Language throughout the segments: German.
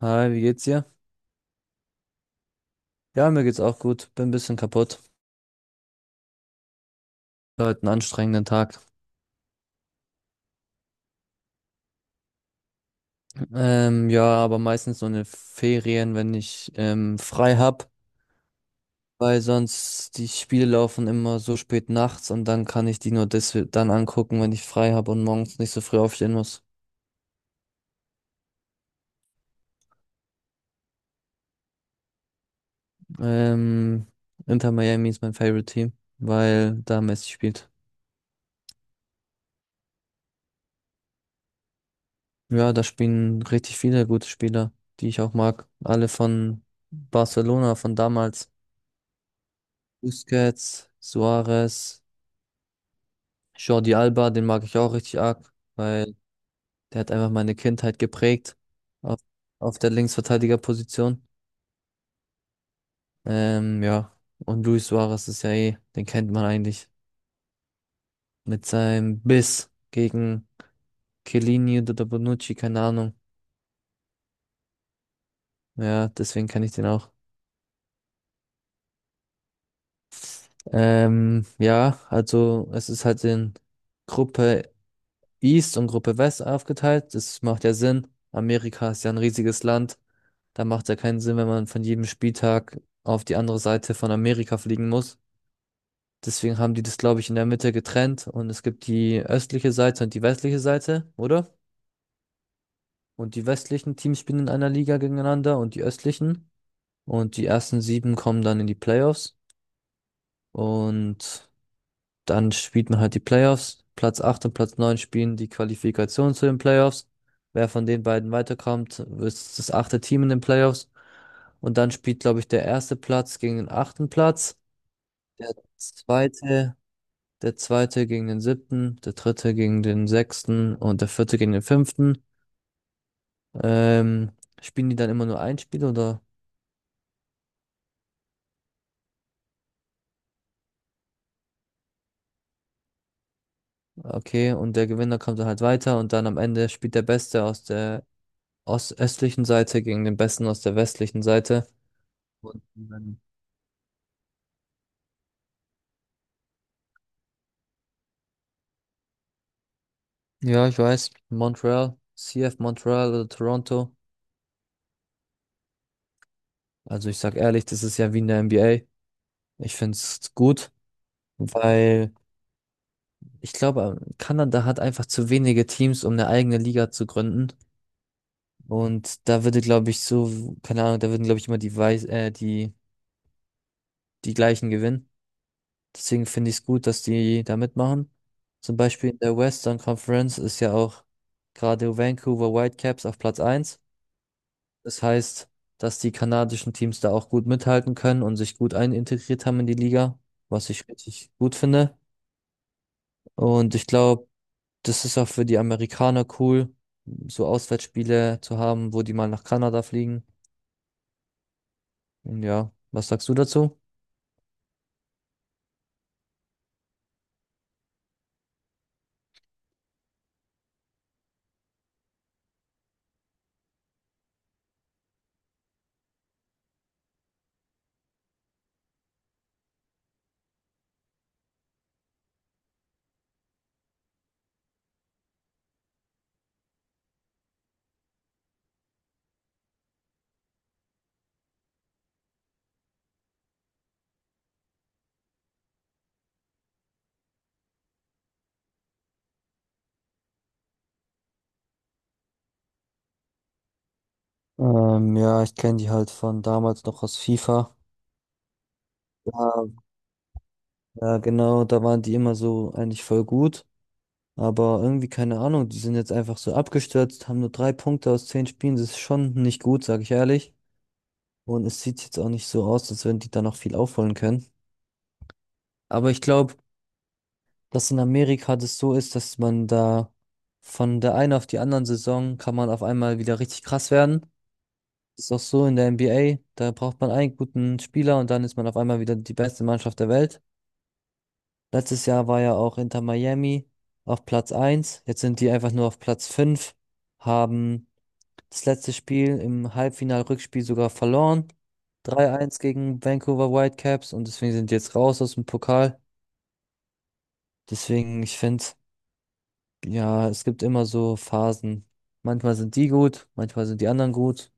Hi, wie geht's dir? Ja, mir geht's auch gut. Bin ein bisschen kaputt. War heute einen anstrengenden Tag. Ja, aber meistens so in den Ferien, wenn ich frei hab, weil sonst die Spiele laufen immer so spät nachts und dann kann ich die nur des dann angucken, wenn ich frei hab und morgens nicht so früh aufstehen muss. Ähm, Inter Miami ist mein Favorite Team, weil da Messi spielt. Ja, da spielen richtig viele gute Spieler, die ich auch mag. Alle von Barcelona, von damals. Busquets, Suarez, Jordi Alba, den mag ich auch richtig arg, weil der hat einfach meine Kindheit geprägt auf, auf der Linksverteidigerposition. Ja, und Luis Suarez ist ja eh, den kennt man eigentlich mit seinem Biss gegen Chiellini oder Bonucci, keine Ahnung. Ja, deswegen kann ich den auch. Ja, also es ist halt in Gruppe East und Gruppe West aufgeteilt. Das macht ja Sinn. Amerika ist ja ein riesiges Land. Da macht es ja keinen Sinn, wenn man von jedem Spieltag auf die andere Seite von Amerika fliegen muss. Deswegen haben die das, glaube ich, in der Mitte getrennt und es gibt die östliche Seite und die westliche Seite, oder? Und die westlichen Teams spielen in einer Liga gegeneinander und die östlichen. Und die ersten sieben kommen dann in die Playoffs. Und Dann spielt man halt die Playoffs. Platz 8 und Platz 9 spielen die Qualifikation zu den Playoffs. Wer von den beiden weiterkommt, ist das achte Team in den Playoffs. Und dann spielt, glaube ich, der erste Platz gegen den achten Platz. Der zweite, der zweite gegen den siebten, der dritte gegen den sechsten und der vierte gegen den fünften. Ähm, spielen die dann immer nur ein Spiel oder? Okay, und der Gewinner kommt dann halt weiter und dann am Ende spielt der Beste aus der ostöstlichen Seite gegen den Besten aus der westlichen Seite. Und wenn- Ja, ich weiß, Montreal, C F Montreal oder Toronto. Also ich sag ehrlich, das ist ja wie in der N B A. Ich find's gut, weil ich glaube, Kanada hat einfach zu wenige Teams, um eine eigene Liga zu gründen. Und da würde, glaube ich, so, keine Ahnung, da würden, glaube ich, immer die gleichen gewinnen. Deswegen finde ich es gut, dass die da mitmachen. Zum Beispiel in der Western Conference ist ja auch gerade Vancouver Whitecaps auf Platz eins. Das heißt, dass die kanadischen Teams da auch gut mithalten können und sich gut einintegriert haben in die Liga, was ich richtig gut finde. Und ich glaube, das ist auch für die Amerikaner cool, so Auswärtsspiele zu haben, wo die mal nach Kanada fliegen. Und ja, was sagst du dazu? Ja, ich kenne die halt von damals noch aus FIFA. Ja, ja, genau, da waren die immer so eigentlich voll gut. Aber irgendwie, keine Ahnung, die sind jetzt einfach so abgestürzt, haben nur 3 Punkte aus 10 Spielen. Das ist schon nicht gut, sag ich ehrlich. Und es sieht jetzt auch nicht so aus, als wenn die da noch viel aufholen können. Aber ich glaube, dass in Amerika das so ist, dass man da von der einen auf die anderen Saison kann man auf einmal wieder richtig krass werden. Ist auch so in der NBA. Da braucht man einen guten Spieler und dann ist man auf einmal wieder die beste Mannschaft der Welt. Letztes Jahr war ja auch Inter Miami auf Platz eins. Jetzt sind die einfach nur auf Platz 5, haben das letzte Spiel im Halbfinal-Rückspiel sogar verloren. 3-1 gegen Vancouver Whitecaps und deswegen sind die jetzt raus aus dem Pokal. Deswegen, ich finde, ja, es gibt immer so Phasen. Manchmal sind die gut, manchmal sind die anderen gut.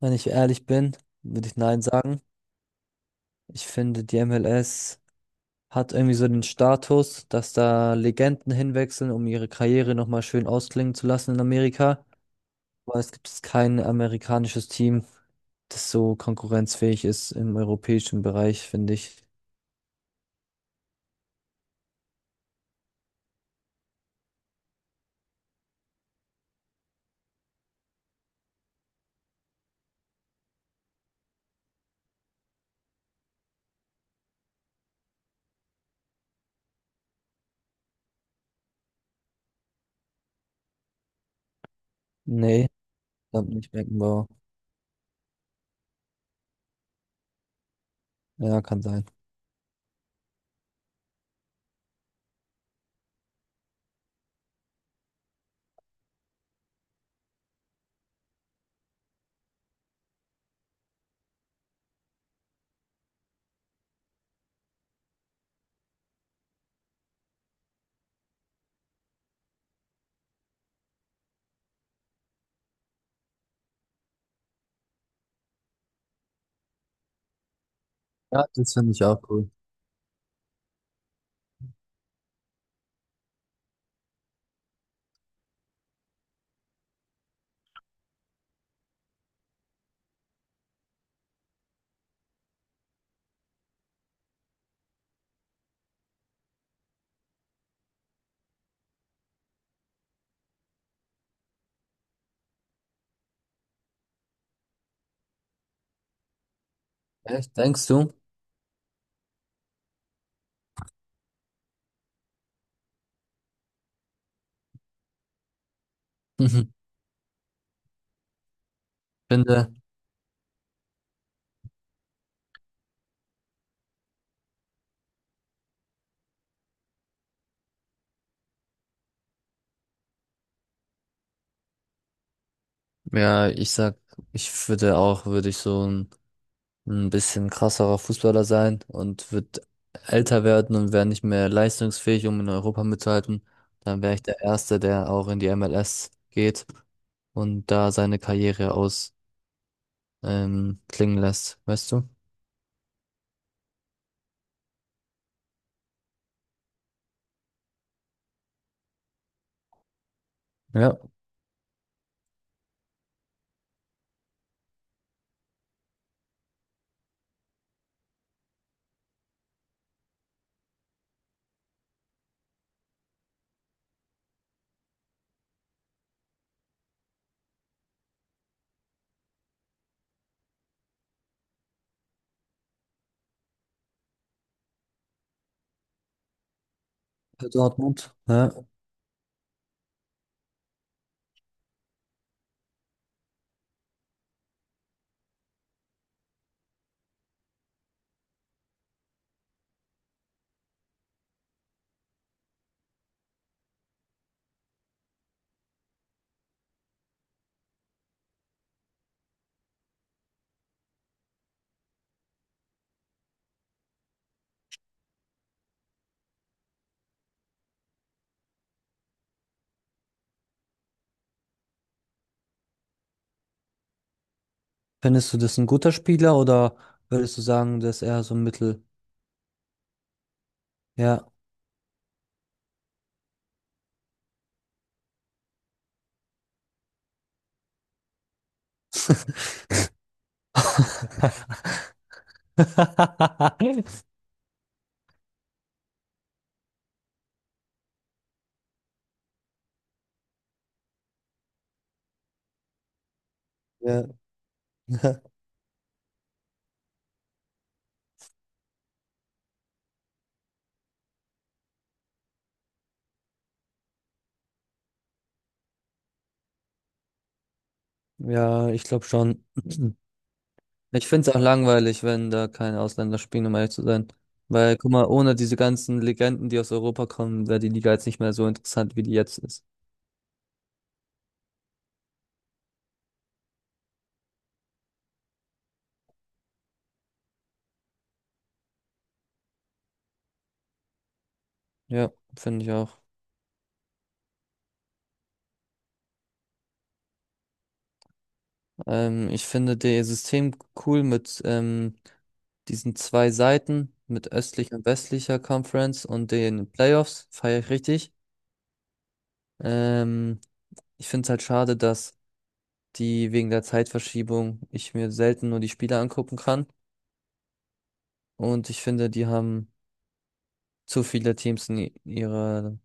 Wenn ich ehrlich bin, würde ich nein sagen. Ich finde, die MLS hat irgendwie so den Status, dass da Legenden hinwechseln, um ihre Karriere nochmal schön ausklingen zu lassen in Amerika. Aber es gibt kein amerikanisches Team, das so konkurrenzfähig ist im europäischen Bereich, finde ich. Nee, ich glaube nicht Beckenbauer. Ja, kann sein. Ja, das finde ich auch cool. Echt, denkst du? Mhm. Finde, ja, ich sag, ich würde auch, würde ich so ein bisschen krasserer Fußballer sein und würde älter werden und wäre nicht mehr leistungsfähig, um in Europa mitzuhalten. Dann wäre ich der Erste, der auch in die MLS geht und da seine Karriere aus, klingen lässt, weißt du? Ja. Für Dortmund, ja. Findest du das ein guter Spieler oder würdest du sagen, dass er so ein Mittel, ja. Ja, ja, ich glaube schon. Ich finde es auch langweilig, wenn da keine Ausländer spielen, um ehrlich zu sein. Weil, guck mal, ohne diese ganzen Legenden, die aus Europa kommen, wäre die Liga jetzt nicht mehr so interessant, wie die jetzt ist. Ja, finde ich auch. Ich finde das System cool mit diesen zwei Seiten, mit östlicher und westlicher Conference und den Playoffs, feiere ich richtig. Ähm, ich finde es halt schade, dass die wegen der Zeitverschiebung ich mir selten nur die Spiele angucken kann. Und ich finde, die haben zu viele Teams in ihrer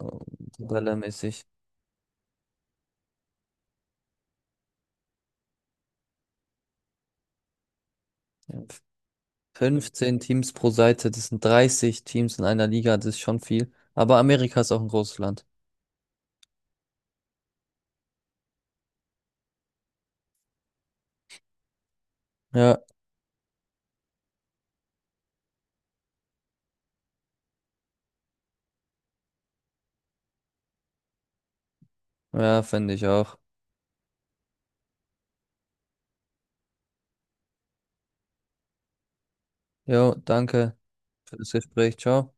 äh, Tabelle mäßig. Ja. 15 Teams pro Seite, das sind 30 Teams in einer Liga, das ist schon viel. Aber Amerika ist auch ein großes Land. Ja, ja, finde ich auch. Jo, danke für das Gespräch. Ciao.